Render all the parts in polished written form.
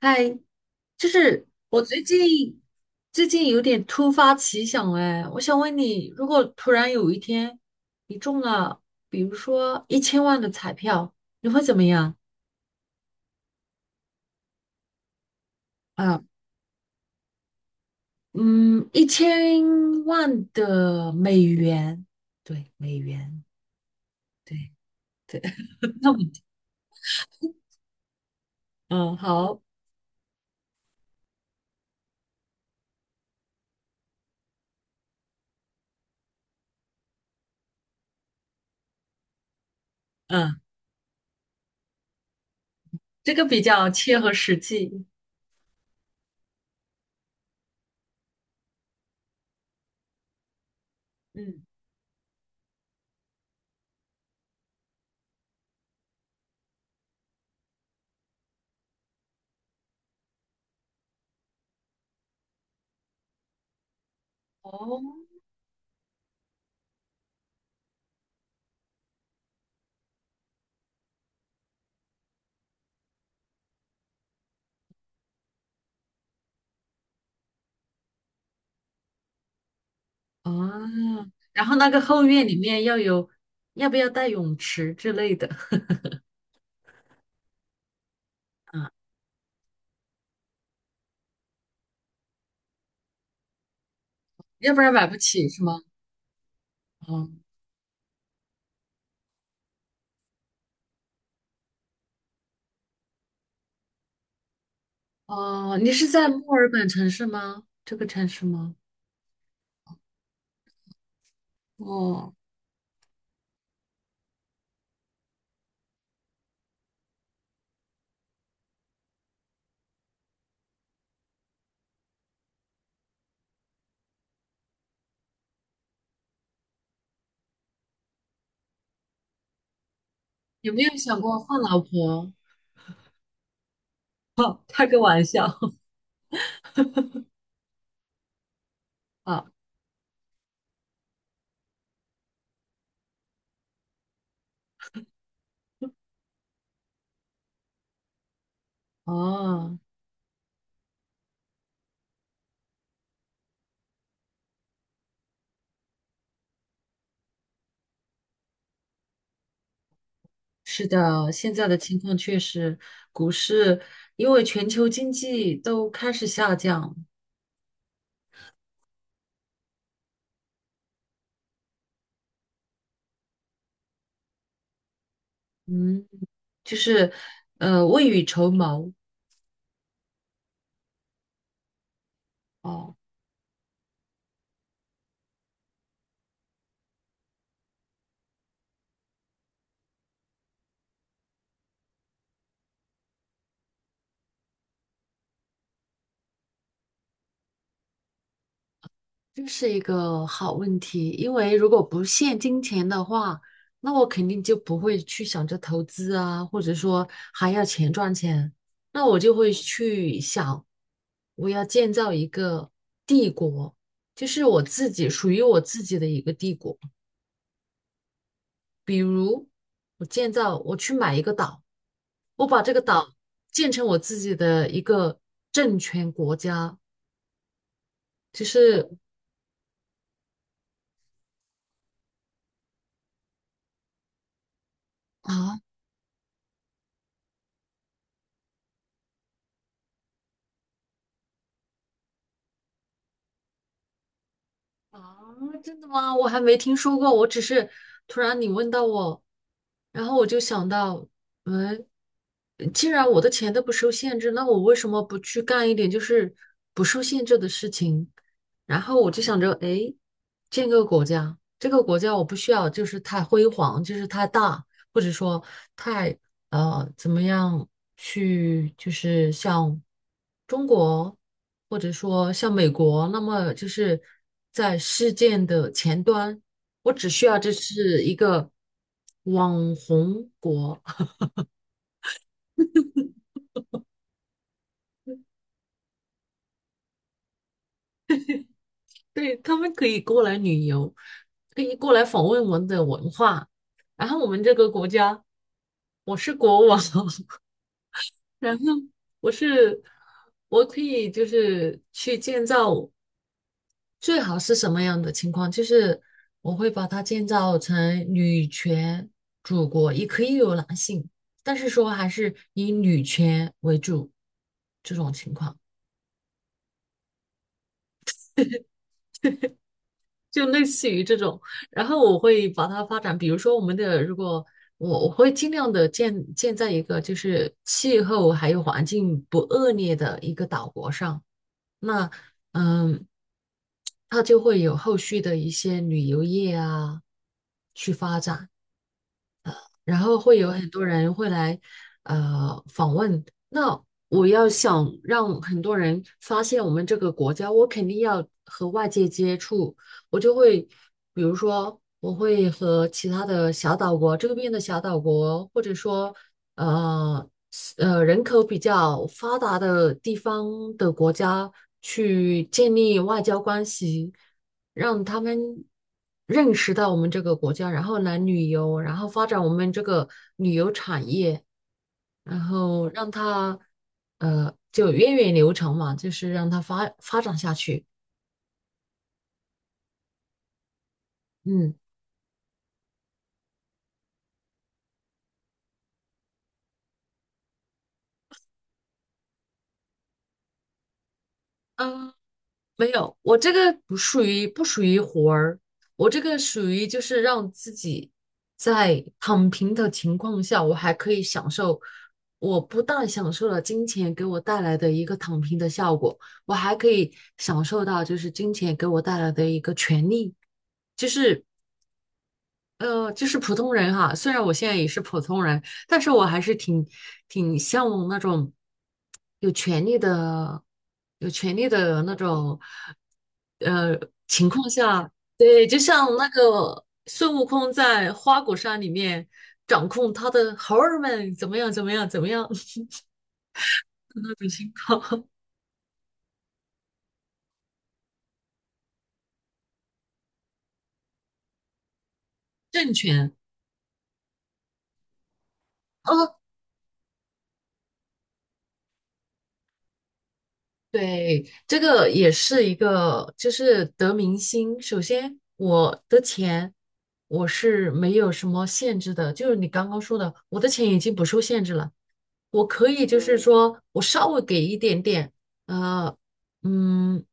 嗨，就是我最近有点突发奇想哎，我想问你，如果突然有一天你中了，比如说一千万的彩票，你会怎么样？啊，嗯，一千万的美元，对，美元，对对，那么，嗯，好，嗯，这个比较切合实际，嗯，哦，啊，然后那个后院里面要有，要不要带泳池之类的？啊，要不然买不起是吗？哦哦，你是在墨尔本城市吗？这个城市吗？哦，有没有想过换老婆？开个玩笑。 啊！哦，是的，现在的情况确实，股市因为全球经济都开始下降，嗯，就是未雨绸缪哦。这是一个好问题，因为如果不限金钱的话，那我肯定就不会去想着投资啊，或者说还要钱赚钱，那我就会去想，我要建造一个帝国，就是我自己属于我自己的一个帝国。比如我建造，我去买一个岛，我把这个岛建成我自己的一个政权国家，就是啊，啊，真的吗？我还没听说过，我只是突然你问到我，然后我就想到，嗯，既然我的钱都不受限制，那我为什么不去干一点就是不受限制的事情？然后我就想着，哎，建个国家，这个国家我不需要就是太辉煌，就是太大，或者说太怎么样去就是像中国或者说像美国，那么就是在事件的前端，我只需要这是一个网红国，对，他们可以过来旅游，可以过来访问我们的文化，然后我们这个国家，我是国王，然后。我是我可以就是去建造，最好是什么样的情况？就是我会把它建造成女权祖国，也可以有男性，但是说还是以女权为主这种情况，就类似于这种。然后我会把它发展，比如说我们的，如果我会尽量的建在一个就是气候还有环境不恶劣的一个岛国上，那嗯，它就会有后续的一些旅游业啊去发展。然后会有很多人会来访问。那我要想让很多人发现我们这个国家，我肯定要和外界接触，我就会比如说我会和其他的小岛国周边的小岛国，或者说呃人口比较发达的地方的国家去建立外交关系。让他们认识到我们这个国家，然后来旅游，然后发展我们这个旅游产业，然后让它就源远流长嘛，就是让它发展下去。嗯，呃没有，我这个不属于活儿，我这个属于就是让自己在躺平的情况下，我还可以享受，我不但享受了金钱给我带来的一个躺平的效果，我还可以享受到就是金钱给我带来的一个权利，就是就是普通人哈，虽然我现在也是普通人，但是我还是挺向往那种有权利的、有权利的那种呃情况下，对，就像那个孙悟空在花果山里面掌控他的猴儿们怎么样、怎么样、怎么样 那种情况，政权。啊。对，这个也是一个，就是得民心。首先，我的钱我是没有什么限制的，就是你刚刚说的，我的钱已经不受限制了，我可以就是说我稍微给一点点，呃，嗯，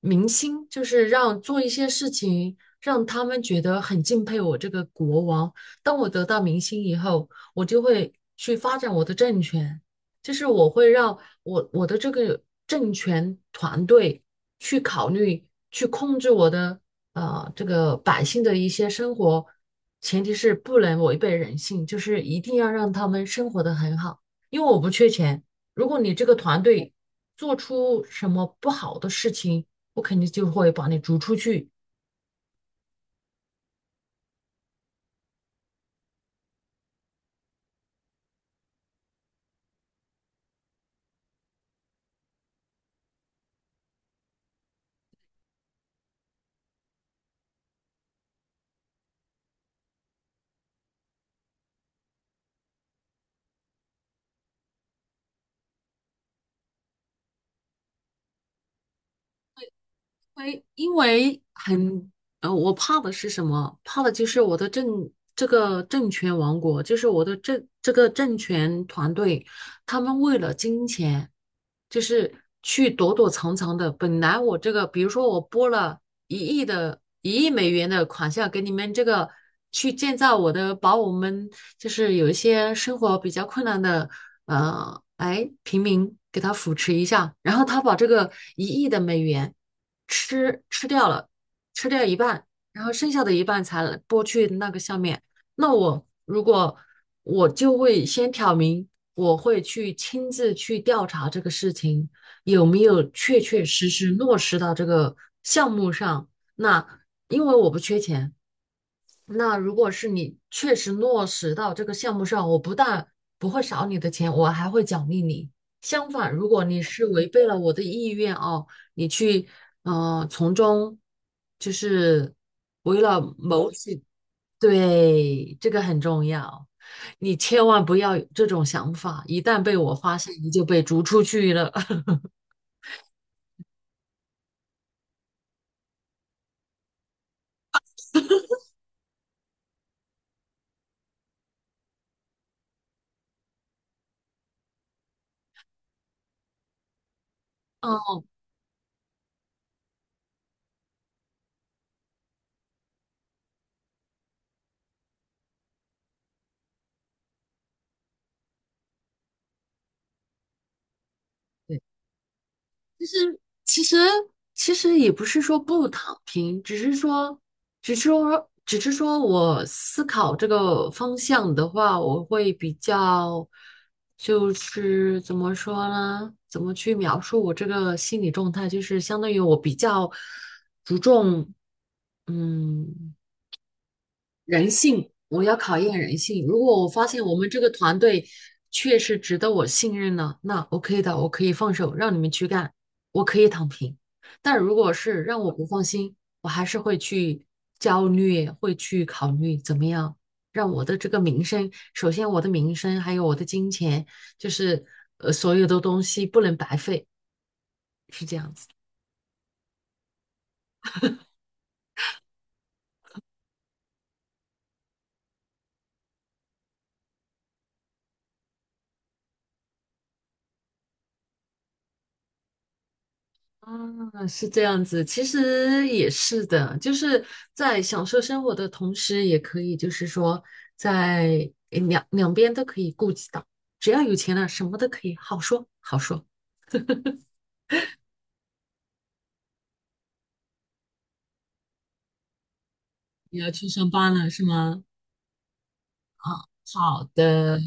民心，就是让做一些事情，让他们觉得很敬佩我这个国王。当我得到民心以后，我就会去发展我的政权。就是我会让我的这个政权团队去考虑，去控制我的这个百姓的一些生活，前提是不能违背人性，就是一定要让他们生活的很好，因为我不缺钱。如果你这个团队做出什么不好的事情，我肯定就会把你逐出去，因为很我怕的是什么？怕的就是我的这个政权王国，就是我的这个政权团队，他们为了金钱，就是去躲躲藏藏的。本来我这个，比如说我拨了1亿美元的款项给你们这个去建造我的，把我们就是有一些生活比较困难的。哎，平民给他扶持一下，然后他把这个一亿的美元。吃掉了，吃掉一半，然后剩下的一半才拨去那个下面。那我如果我就会先挑明，我会去亲自去调查这个事情有没有确确实实落实到这个项目上。那因为我不缺钱。那如果是你确实落实到这个项目上，我不但不会少你的钱，我还会奖励你。相反，如果你是违背了我的意愿哦，你去从中就是为了谋取，对，这个很重要。你千万不要有这种想法，一旦被我发现，你就被逐出去了。啊，对。其实其实也不是说不躺平，只是说，我思考这个方向的话，我会比较，就是怎么说呢？怎么去描述我这个心理状态？就是相当于我比较注重，嗯。人性，我要考验人性。如果我发现我们这个团队确实值得我信任了，那 OK 的，我可以放手让你们去干，我可以躺平。但如果是让我不放心，我还是会去焦虑，会去考虑怎么样让我的这个名声，首先我的名声，还有我的金钱，就是所有的东西不能白费，是这样子。啊，是这样子，其实也是的，就是在享受生活的同时，也可以就是说在两边都可以顾及到，只要有钱了，什么都可以好说好说。你要去上班了是吗？好的，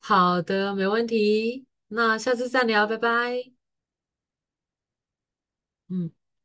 好的，没问题，那下次再聊，拜拜。嗯。